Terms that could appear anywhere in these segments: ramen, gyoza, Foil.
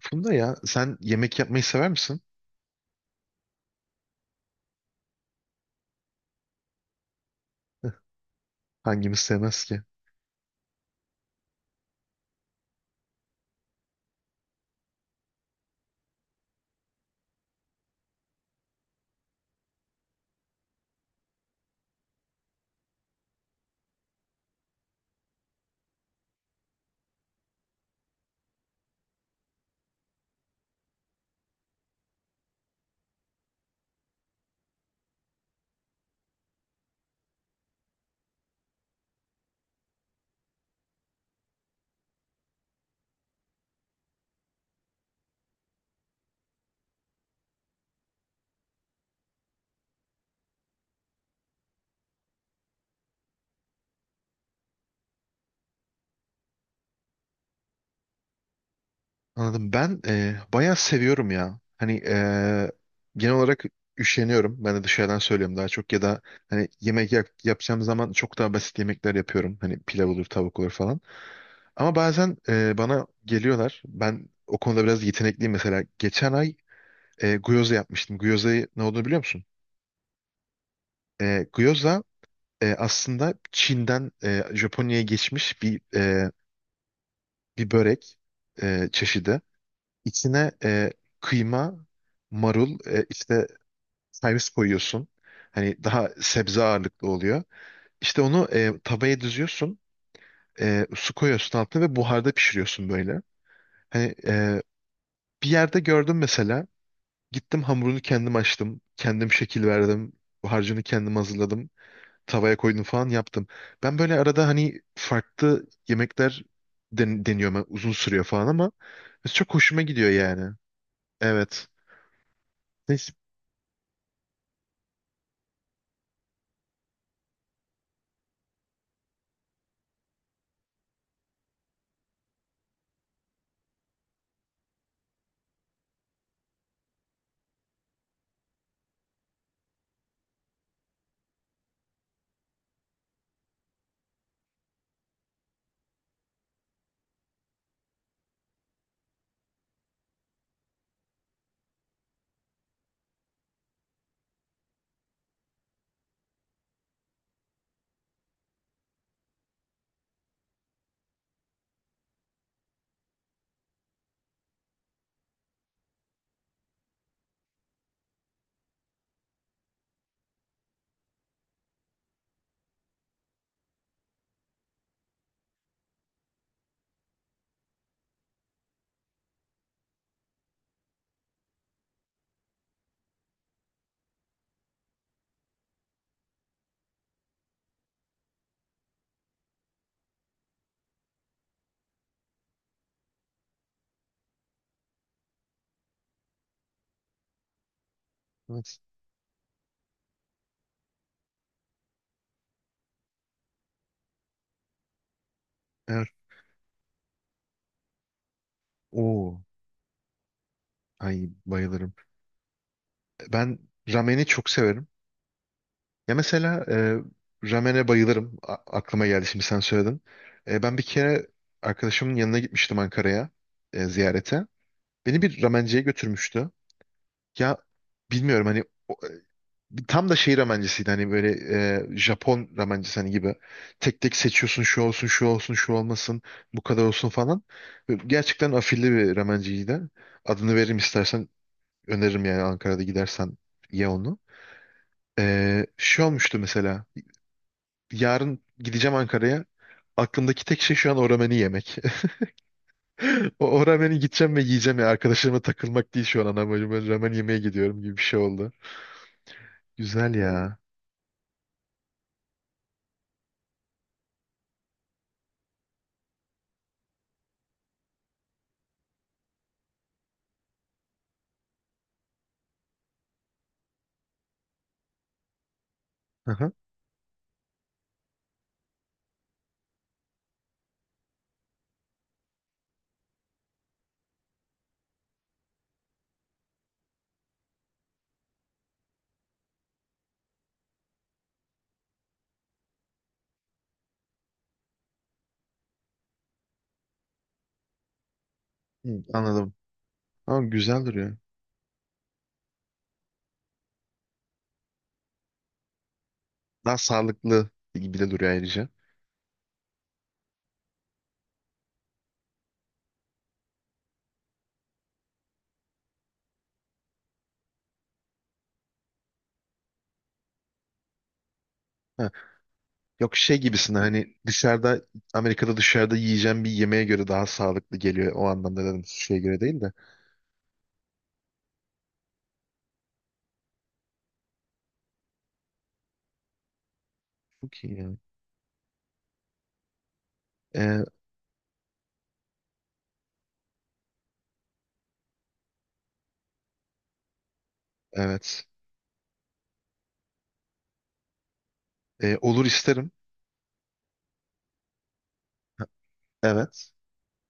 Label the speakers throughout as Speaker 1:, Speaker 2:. Speaker 1: Funda ya sen yemek yapmayı sever misin? Hangimiz sevmez ki? Anladım. Ben bayağı seviyorum ya. Hani genel olarak üşeniyorum. Ben de dışarıdan söylüyorum daha çok. Ya da hani yapacağım zaman çok daha basit yemekler yapıyorum. Hani pilav olur, tavuk olur falan. Ama bazen bana geliyorlar. Ben o konuda biraz yetenekliyim mesela. Geçen ay gyoza yapmıştım. Gyoza'yı ne olduğunu biliyor musun? Gyoza aslında Çin'den Japonya'ya geçmiş bir börek çeşidi. İçine kıyma, marul, işte servis koyuyorsun. Hani daha sebze ağırlıklı oluyor. İşte onu tavaya düzüyorsun. Su koyuyorsun altına ve buharda pişiriyorsun böyle. Hani bir yerde gördüm mesela. Gittim hamurunu kendim açtım. Kendim şekil verdim. Harcını kendim hazırladım. Tavaya koydum falan yaptım. Ben böyle arada hani farklı deniyorum. Yani uzun sürüyor falan ama çok hoşuma gidiyor yani. Evet. Neyse. Evet. Evet. Oo. Ay bayılırım. Ben rameni çok severim. Ya mesela ramene bayılırım. Aklıma geldi şimdi sen söyledin. Ben bir kere arkadaşımın yanına gitmiştim Ankara'ya ziyarete. Beni bir ramenciye götürmüştü. Ya bilmiyorum hani tam da şey ramencisiydi hani böyle Japon ramencisi hani gibi. Tek tek seçiyorsun şu olsun şu olsun şu olmasın bu kadar olsun falan. Böyle gerçekten afilli bir ramenciydi. Adını veririm istersen öneririm yani Ankara'da gidersen ye onu. Şey olmuştu mesela yarın gideceğim Ankara'ya. Aklımdaki tek şey şu an o rameni yemek. O rameni gideceğim ve yiyeceğim ya. Arkadaşlarıma takılmak değil şu an ana amacım. Ben ramen yemeye gidiyorum gibi bir şey oldu. Güzel Hmm. ya. Aha. Hı, anladım. Ama güzel duruyor. Daha sağlıklı gibi de duruyor ayrıca. Ha, yok şey gibisine hani dışarıda Amerika'da dışarıda yiyeceğim bir yemeğe göre daha sağlıklı geliyor. O anlamda dedim şeye göre değil de. Çok iyi yani. Ee, evet. Olur isterim. Evet.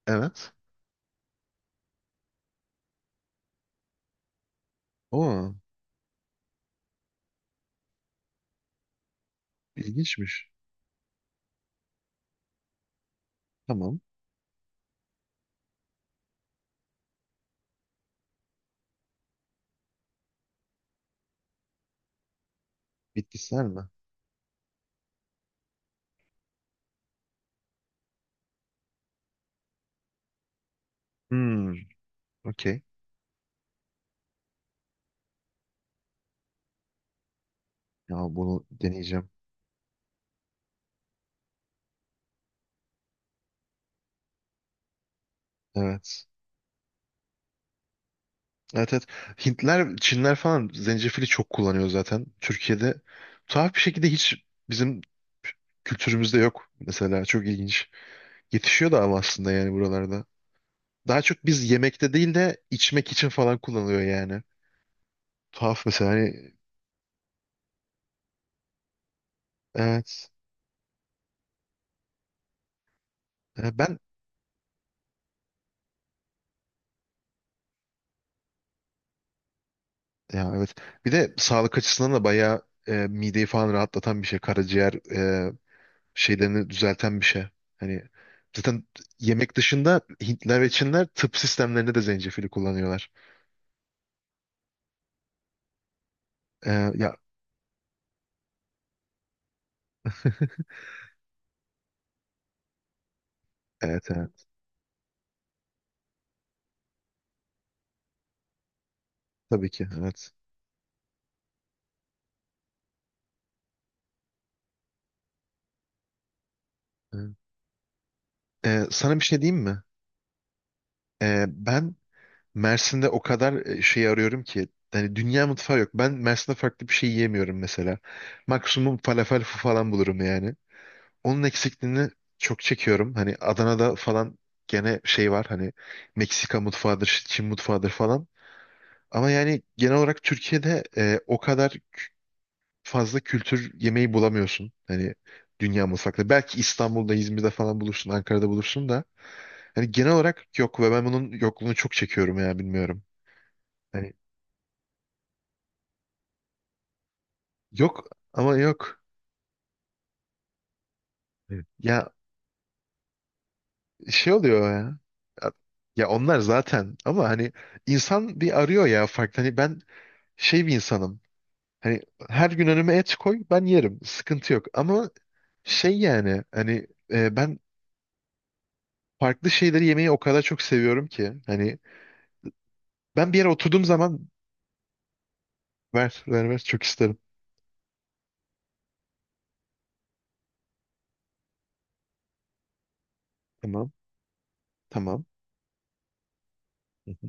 Speaker 1: Evet. Oo, ilginçmiş. Tamam. Bitkisel mi? Hmm, okey. Ya bunu deneyeceğim. Evet. Evet evet. Hintler, Çinler falan zencefili çok kullanıyor zaten. Türkiye'de tuhaf bir şekilde hiç bizim kültürümüzde yok mesela. Çok ilginç. Yetişiyor da ama aslında yani buralarda. Daha çok biz yemekte değil de içmek için falan kullanılıyor yani. Tuhaf mesela hani evet. Ben ya evet. Bir de sağlık açısından da bayağı mideyi falan rahatlatan bir şey. Karaciğer şeylerini düzelten bir şey. Hani zaten yemek dışında Hintler ve Çinler tıp sistemlerinde de zencefili kullanıyorlar. Ya evet evet tabii ki evet. Evet. Sana bir şey diyeyim mi? Ben Mersin'de o kadar şey arıyorum ki hani dünya mutfağı yok. Ben Mersin'de farklı bir şey yiyemiyorum mesela. Maksimum falafel falan bulurum yani. Onun eksikliğini çok çekiyorum. Hani Adana'da falan gene şey var hani Meksika mutfağıdır, Çin mutfağıdır falan. Ama yani genel olarak Türkiye'de o kadar fazla kültür yemeği bulamıyorsun. Hani dünya mutfakta. Belki İstanbul'da, İzmir'de falan bulursun, Ankara'da bulursun da. Hani genel olarak yok ve ben bunun yokluğunu çok çekiyorum ya bilmiyorum. Hani yok ama yok. Evet. Ya şey oluyor ya. Ya ya onlar zaten ama hani insan bir arıyor ya farklı. Hani ben şey bir insanım. Hani her gün önüme et koy ben yerim. Sıkıntı yok. Ama şey yani hani ben farklı şeyleri yemeyi o kadar çok seviyorum ki. Hani ben bir yere oturduğum zaman ver ver ver çok isterim. Tamam tamam. Hı hı.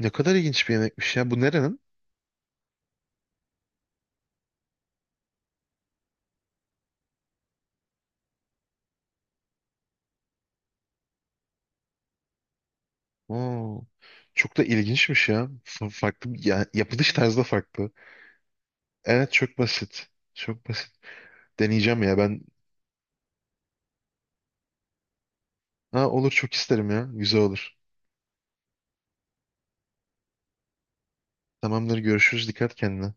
Speaker 1: Ne kadar ilginç bir yemekmiş ya. Bu nerenin? Oo, çok da ilginçmiş ya. Farklı ya, yapılış tarzı da farklı. Evet çok basit. Çok basit. Deneyeceğim ya ben. Ha, olur çok isterim ya. Güzel olur. Tamamdır görüşürüz. Dikkat kendine.